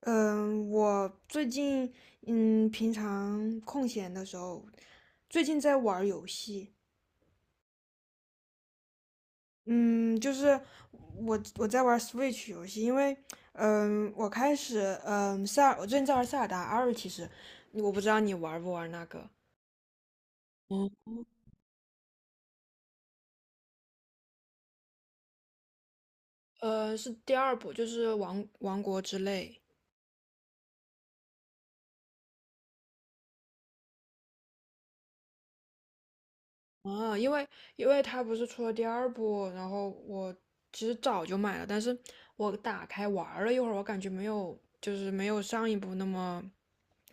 嗯，我最近嗯，平常空闲的时候，最近在玩儿游戏。嗯，就是我在玩儿 Switch 游戏，因为我最近在玩塞尔达二。其实我不知道你玩不玩那个。嗯，是第二部，就是王国之泪。啊，因为它不是出了第二部，然后我其实早就买了，但是我打开玩儿了一会儿，我感觉没有，就是没有上一部那么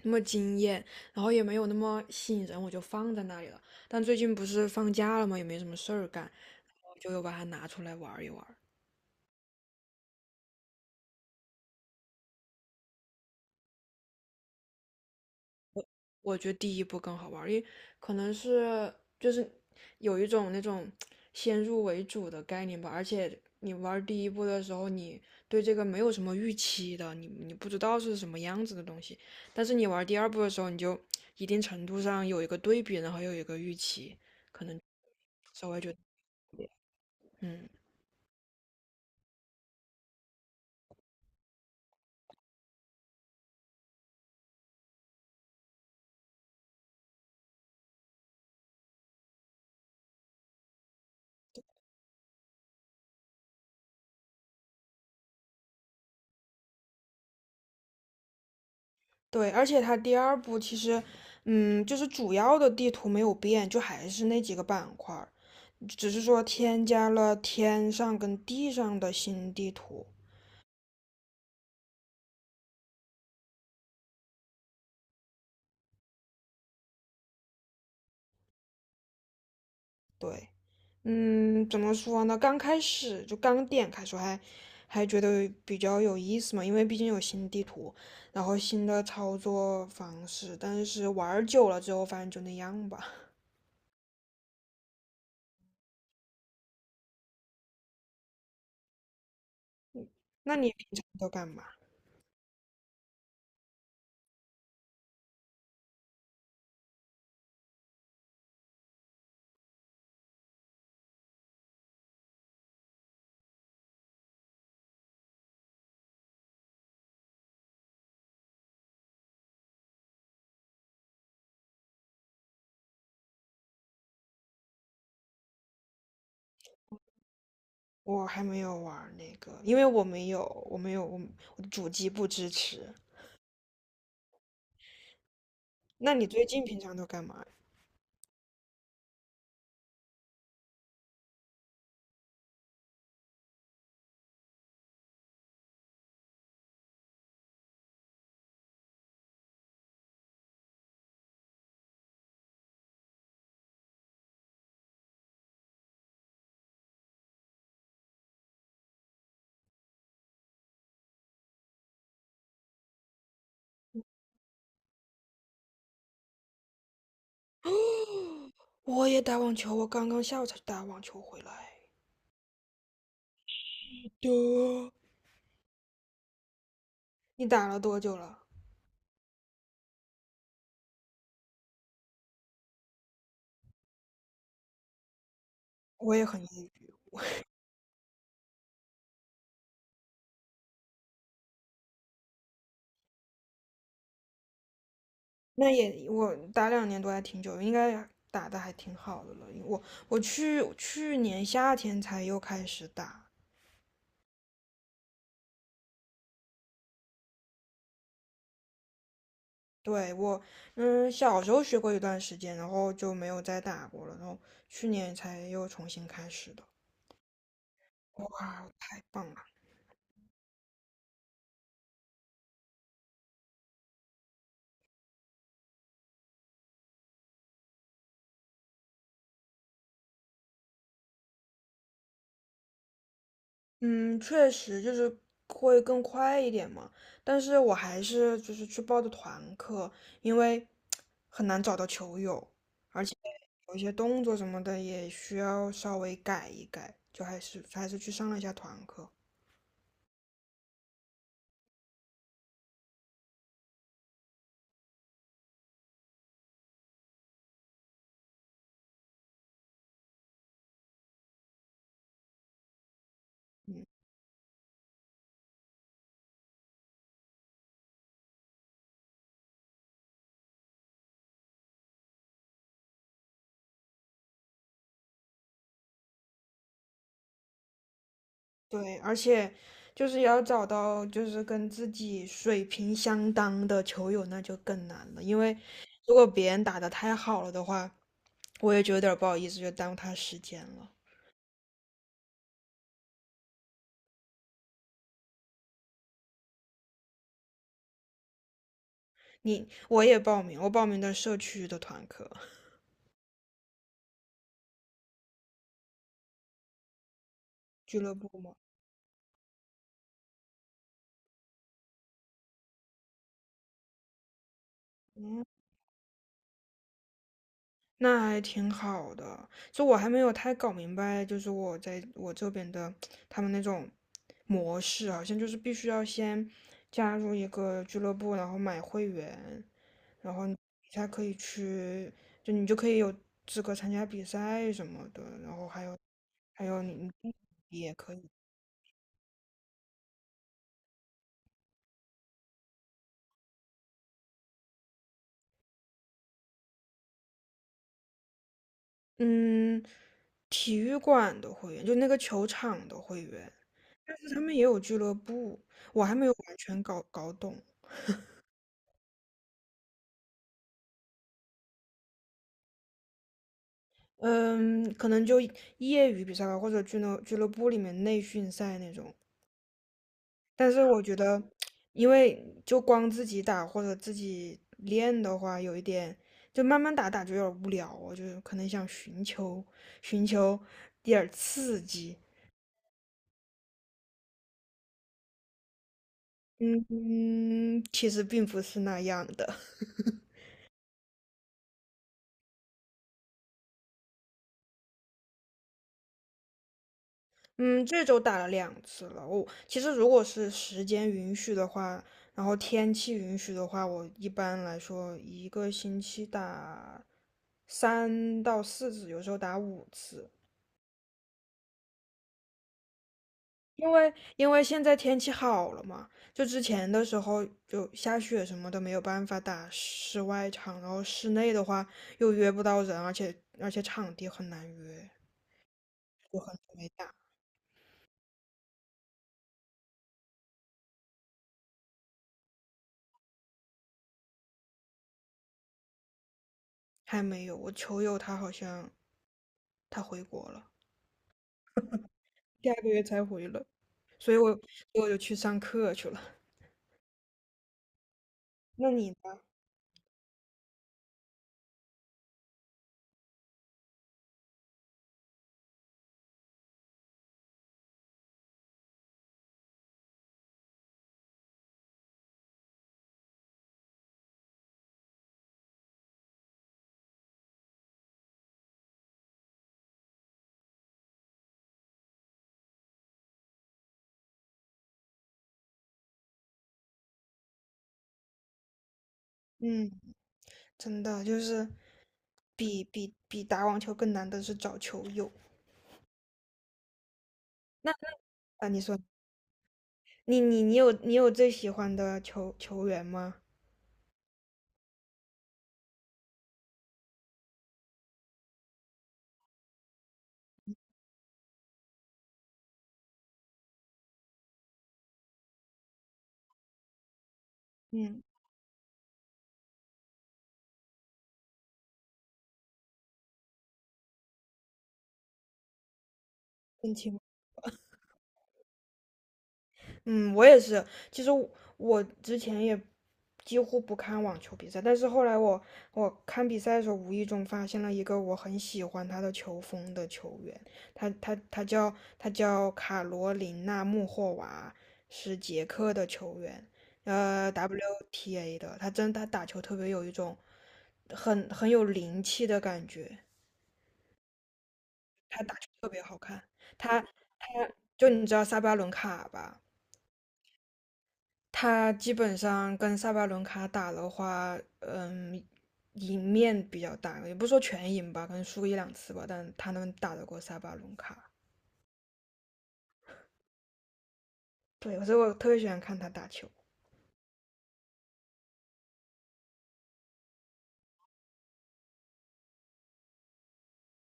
那么惊艳，然后也没有那么吸引人，我就放在那里了。但最近不是放假了嘛，也没什么事儿干，我就又把它拿出来玩儿一玩。我觉得第一部更好玩，因为可能是就是有一种那种先入为主的概念吧。而且你玩第一部的时候，你对这个没有什么预期的，你不知道是什么样子的东西，但是你玩第二部的时候，你就一定程度上有一个对比，然后又有一个预期，可能稍微觉得嗯。对，而且它第二部其实，就是主要的地图没有变，就还是那几个板块儿，只是说添加了天上跟地上的新地图。对，怎么说呢？刚开始就刚点开时候还觉得比较有意思嘛，因为毕竟有新地图，然后新的操作方式。但是玩儿久了之后，发现就那样吧。那你平常都干嘛？我还没有玩儿那个，因为我没有，我没有，我的主机不支持。那你最近平常都干嘛呀？我也打网球，我刚刚下午才去打网球回来。的，你打了多久了？我也很业余。那也我打两年多还挺久，应该打的还挺好的了。因为我去年夏天才又开始打。对，我小时候学过一段时间，然后就没有再打过了，然后去年才又重新开始的。哇，太棒了！嗯，确实就是会更快一点嘛，但是我还是就是去报的团课，因为很难找到球友，而且有一些动作什么的也需要稍微改一改，就还是去上了一下团课。对，而且就是也要找到就是跟自己水平相当的球友，那就更难了，因为如果别人打得太好了的话，我也就有点儿不好意思，就耽误他时间了。我也报名，我报名的社区的团课，俱乐部嘛。嗯，那还挺好的。就我还没有太搞明白，就是我在我这边的他们那种模式，好像就是必须要先加入一个俱乐部，然后买会员，然后你才可以去，就你就可以有资格参加比赛什么的，然后还有还有你也可以。嗯，体育馆的会员，就那个球场的会员。他们也有俱乐部，我还没有完全搞懂。嗯，可能就业余比赛吧，或者俱乐部里面内训赛那种。但是我觉得，因为就光自己打或者自己练的话，有一点就慢慢打打就有点无聊，我就可能想寻求点儿刺激。嗯嗯，其实并不是那样的。嗯，这周打了两次了。我其实如果是时间允许的话，然后天气允许的话，我一般来说一个星期打三到四次，有时候打五次。因为现在天气好了嘛，就之前的时候就下雪什么的没有办法打室外场，然后室内的话又约不到人，而且场地很难约，没打，还没有。我球友他好像他回国了。第二个月才回了，所以我就去上课去了。那你呢？嗯，真的就是比打网球更难的是找球友。那啊，你说你有最喜欢的球员吗？嗯，邓钦嗯，我也是。其实我之前也几乎不看网球比赛，但是后来我看比赛的时候，无意中发现了一个我很喜欢他的球风的球员，他叫卡罗琳娜穆霍娃，是捷克的球员，WTA 的。他打球特别有一种很有灵气的感觉。他就你知道萨巴伦卡吧？他基本上跟萨巴伦卡打的话，赢面比较大，也不说全赢吧，可能输个一两次吧，但他能打得过萨巴伦卡。对，所以我特别喜欢看他打球。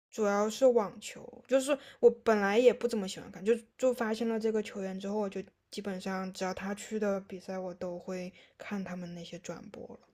主要是网球，就是我本来也不怎么喜欢看，就发现了这个球员之后，我就基本上只要他去的比赛，我都会看他们那些转播了。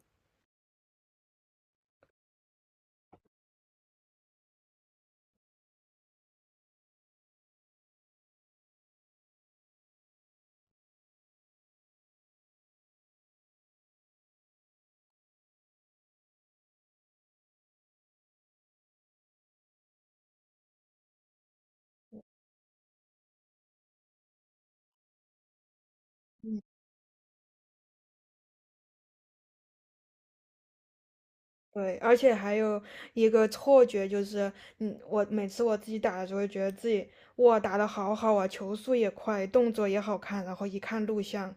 对，而且还有一个错觉，就是，我每次我自己打的时候，觉得自己哇打得好好啊，球速也快，动作也好看，然后一看录像，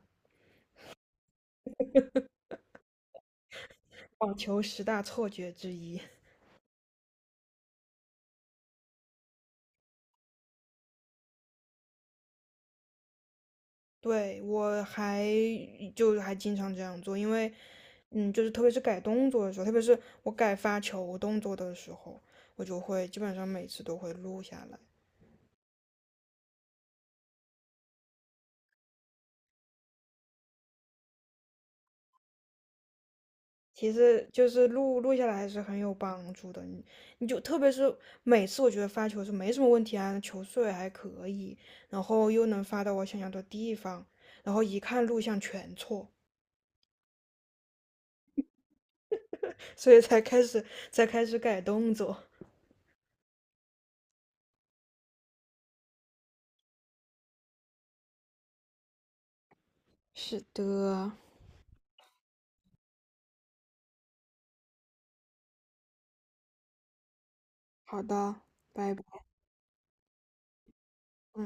网球十大错觉之一。对，我就还经常这样做，因为，就是特别是改动作的时候，特别是我改发球动作的时候，我就会基本上每次都会录下来。其实就是录录下来还是很有帮助的，你你就特别是每次我觉得发球是没什么问题啊，球速也还可以，然后又能发到我想要的地方，然后一看录像全错，所以才开始改动作。是的，好的，拜拜。嗯。